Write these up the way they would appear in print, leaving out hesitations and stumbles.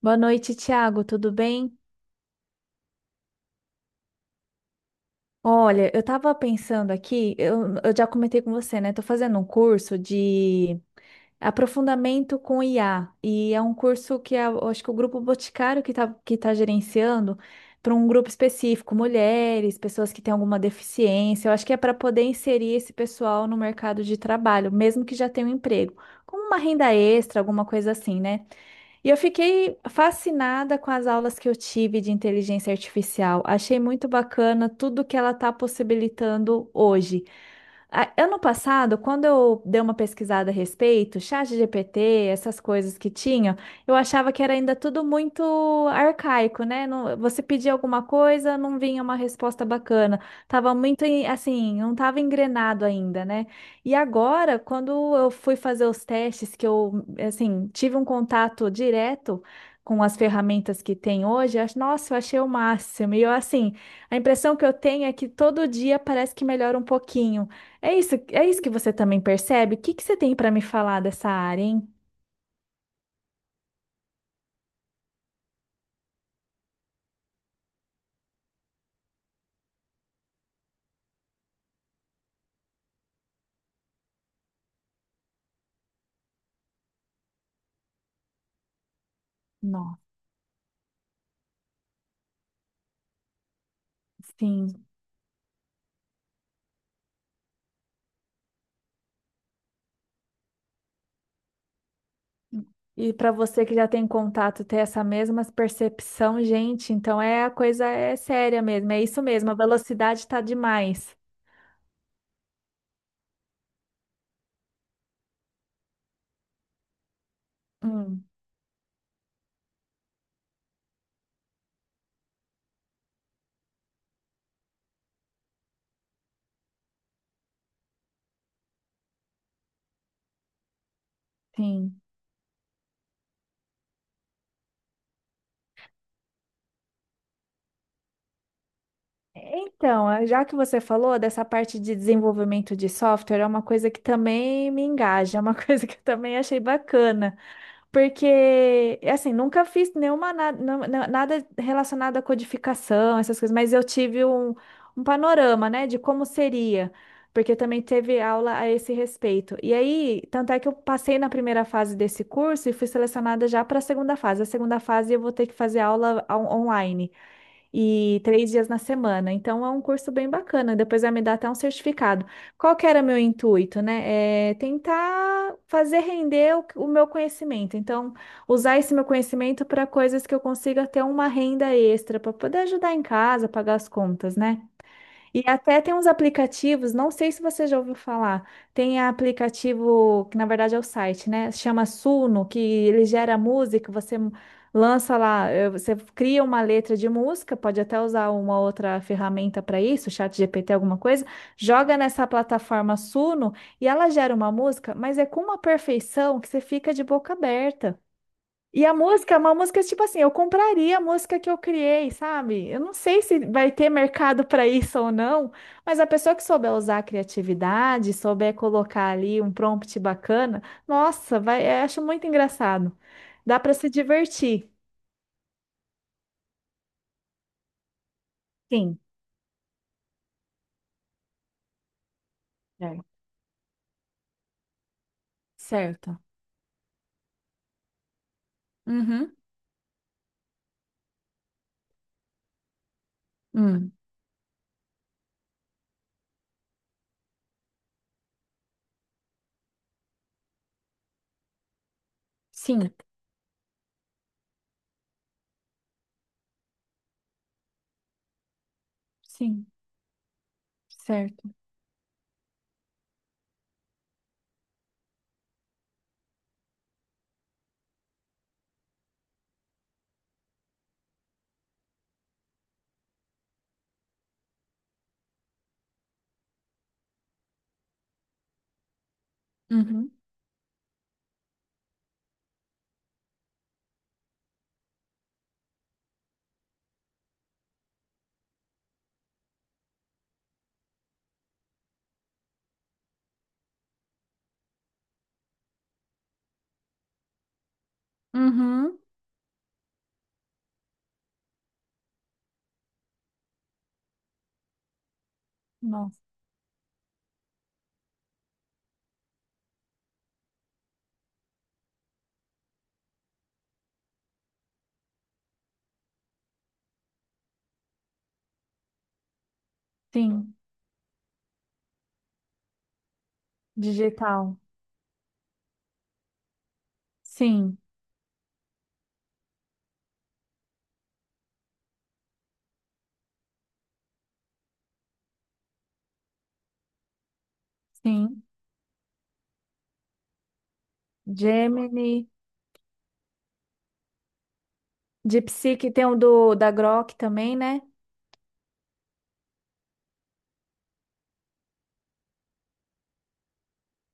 Boa noite, Thiago. Tudo bem? Olha, eu tava pensando aqui, eu já comentei com você, né? Tô fazendo um curso de aprofundamento com IA. E é um curso que eu acho que o grupo Boticário que tá gerenciando para um grupo específico, mulheres, pessoas que têm alguma deficiência. Eu acho que é para poder inserir esse pessoal no mercado de trabalho, mesmo que já tenha um emprego, como uma renda extra, alguma coisa assim, né? E eu fiquei fascinada com as aulas que eu tive de inteligência artificial. Achei muito bacana tudo que ela está possibilitando hoje. Ano passado, quando eu dei uma pesquisada a respeito, chat GPT, essas coisas que tinham, eu achava que era ainda tudo muito arcaico, né? Você pedia alguma coisa, não vinha uma resposta bacana. Tava muito assim, não tava engrenado ainda, né? E agora, quando eu fui fazer os testes, que eu assim, tive um contato direto com as ferramentas que tem hoje, nossa, eu achei o máximo. E eu assim, a impressão que eu tenho é que todo dia parece que melhora um pouquinho. É isso que você também percebe? O que que você tem para me falar dessa área, hein? Nossa, sim. E para você que já tem contato, ter essa mesma percepção, gente, então a coisa é séria mesmo, é isso mesmo, a velocidade está demais. Hum, sim. Então, já que você falou dessa parte de desenvolvimento de software, é uma coisa que também me engaja, é uma coisa que eu também achei bacana. Porque, assim, nunca fiz nenhuma nada relacionado à codificação, essas coisas, mas eu tive um panorama, né, de como seria, porque também teve aula a esse respeito. E aí, tanto é que eu passei na primeira fase desse curso e fui selecionada já para a segunda fase. A segunda fase eu vou ter que fazer aula online e três dias na semana. Então é um curso bem bacana. Depois vai me dar até um certificado. Qual que era meu intuito, né? É tentar fazer render o meu conhecimento. Então, usar esse meu conhecimento para coisas que eu consiga ter uma renda extra para poder ajudar em casa, pagar as contas, né? E até tem uns aplicativos, não sei se você já ouviu falar, tem aplicativo, que na verdade é o site, né? Chama Suno, que ele gera música, lança lá, você cria uma letra de música, pode até usar uma outra ferramenta para isso, chat GPT, alguma coisa, joga nessa plataforma Suno e ela gera uma música, mas é com uma perfeição que você fica de boca aberta. E a música é uma música tipo assim, eu compraria a música que eu criei, sabe? Eu não sei se vai ter mercado para isso ou não, mas a pessoa que souber usar a criatividade, souber colocar ali um prompt bacana, nossa, vai, eu acho muito engraçado. Dá para se divertir. Sim, é, certo. Uhum. Hum. Sim, sim, certo. Uhum. Uhum. Nossa, sim, digital. Sim, sim. Gemini. De Psyche tem um da Grok também, né?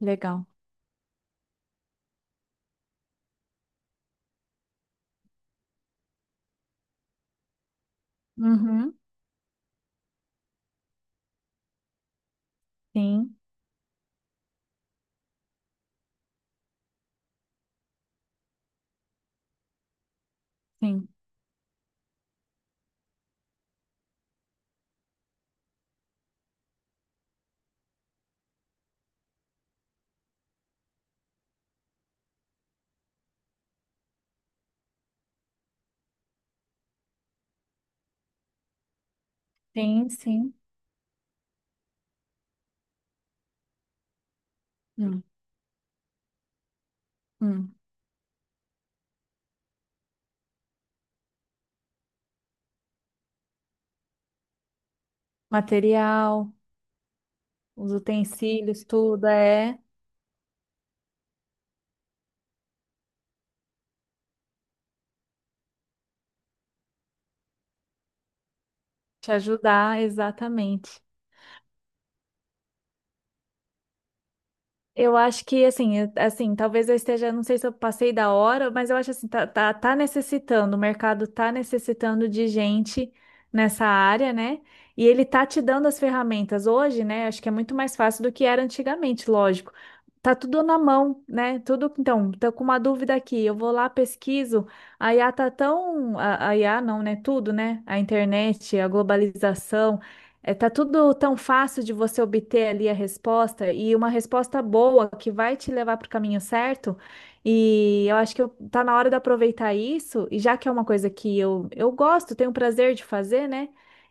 Legal. Uhum. Sim, sim. Sim, sim. Hum, hum. Material, os utensílios, tudo é te ajudar, exatamente. Eu acho que assim, assim, talvez eu esteja, não sei se eu passei da hora, mas eu acho assim, tá necessitando, o mercado tá necessitando de gente nessa área, né? E ele tá te dando as ferramentas hoje, né? Acho que é muito mais fácil do que era antigamente, lógico. Tá tudo na mão, né? Tudo, então, tô com uma dúvida aqui, eu vou lá, pesquiso. A IA não, né? Tudo, né? A internet, a globalização. É, tá tudo tão fácil de você obter ali a resposta e uma resposta boa que vai te levar para o caminho certo. E eu acho tá na hora de aproveitar isso, e já que é uma coisa que eu gosto, tenho prazer de fazer, né?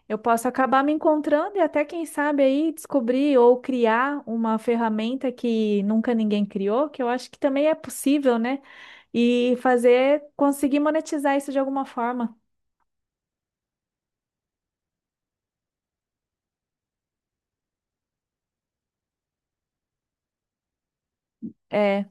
Eu posso acabar me encontrando e até, quem sabe, aí descobrir ou criar uma ferramenta que nunca ninguém criou, que eu acho que também é possível, né? E fazer, conseguir monetizar isso de alguma forma. É,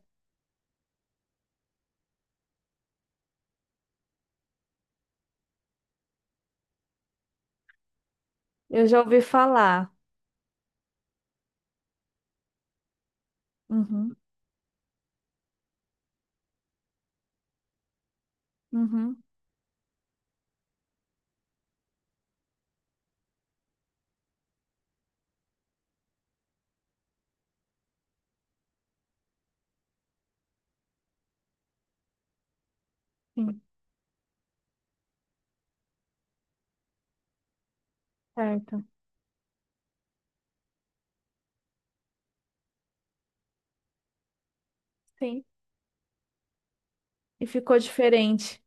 eu já ouvi falar. Uhum, uhum, sim. Certo, sim. E ficou diferente.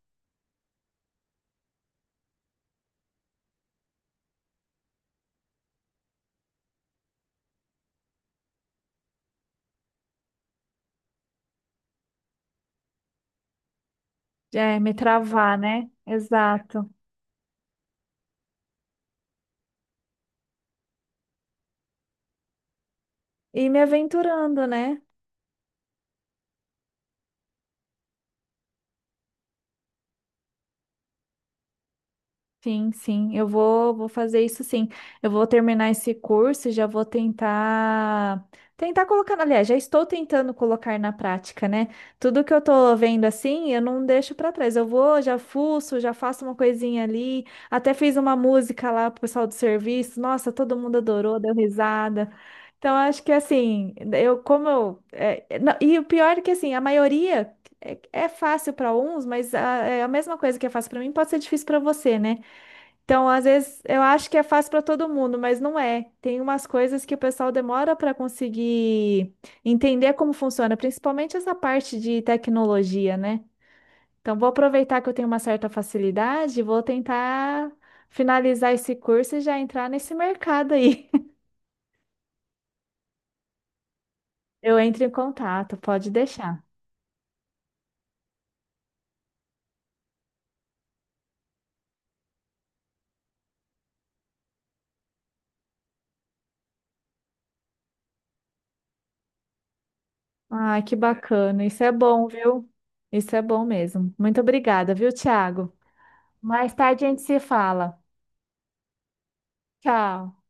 É, me travar, né? Exato. E me aventurando, né? Sim, sim. Eu vou fazer isso sim. Eu vou terminar esse curso e já vou tentar. Tentar colocar, aliás, já estou tentando colocar na prática, né? Tudo que eu tô vendo assim, eu não deixo para trás. Eu vou, já fuço, já faço uma coisinha ali. Até fiz uma música lá pro pessoal do serviço. Nossa, todo mundo adorou, deu risada. Então, acho que assim, eu como eu. É, é, não, e o pior é que assim, a maioria é, é fácil para uns, é a mesma coisa que é fácil para mim pode ser difícil para você, né? Então, às vezes, eu acho que é fácil para todo mundo, mas não é. Tem umas coisas que o pessoal demora para conseguir entender como funciona, principalmente essa parte de tecnologia, né? Então, vou aproveitar que eu tenho uma certa facilidade, vou tentar finalizar esse curso e já entrar nesse mercado aí. Eu entro em contato, pode deixar. Ai, que bacana. Isso é bom, viu? Isso é bom mesmo. Muito obrigada, viu, Thiago? Mais tarde a gente se fala. Tchau.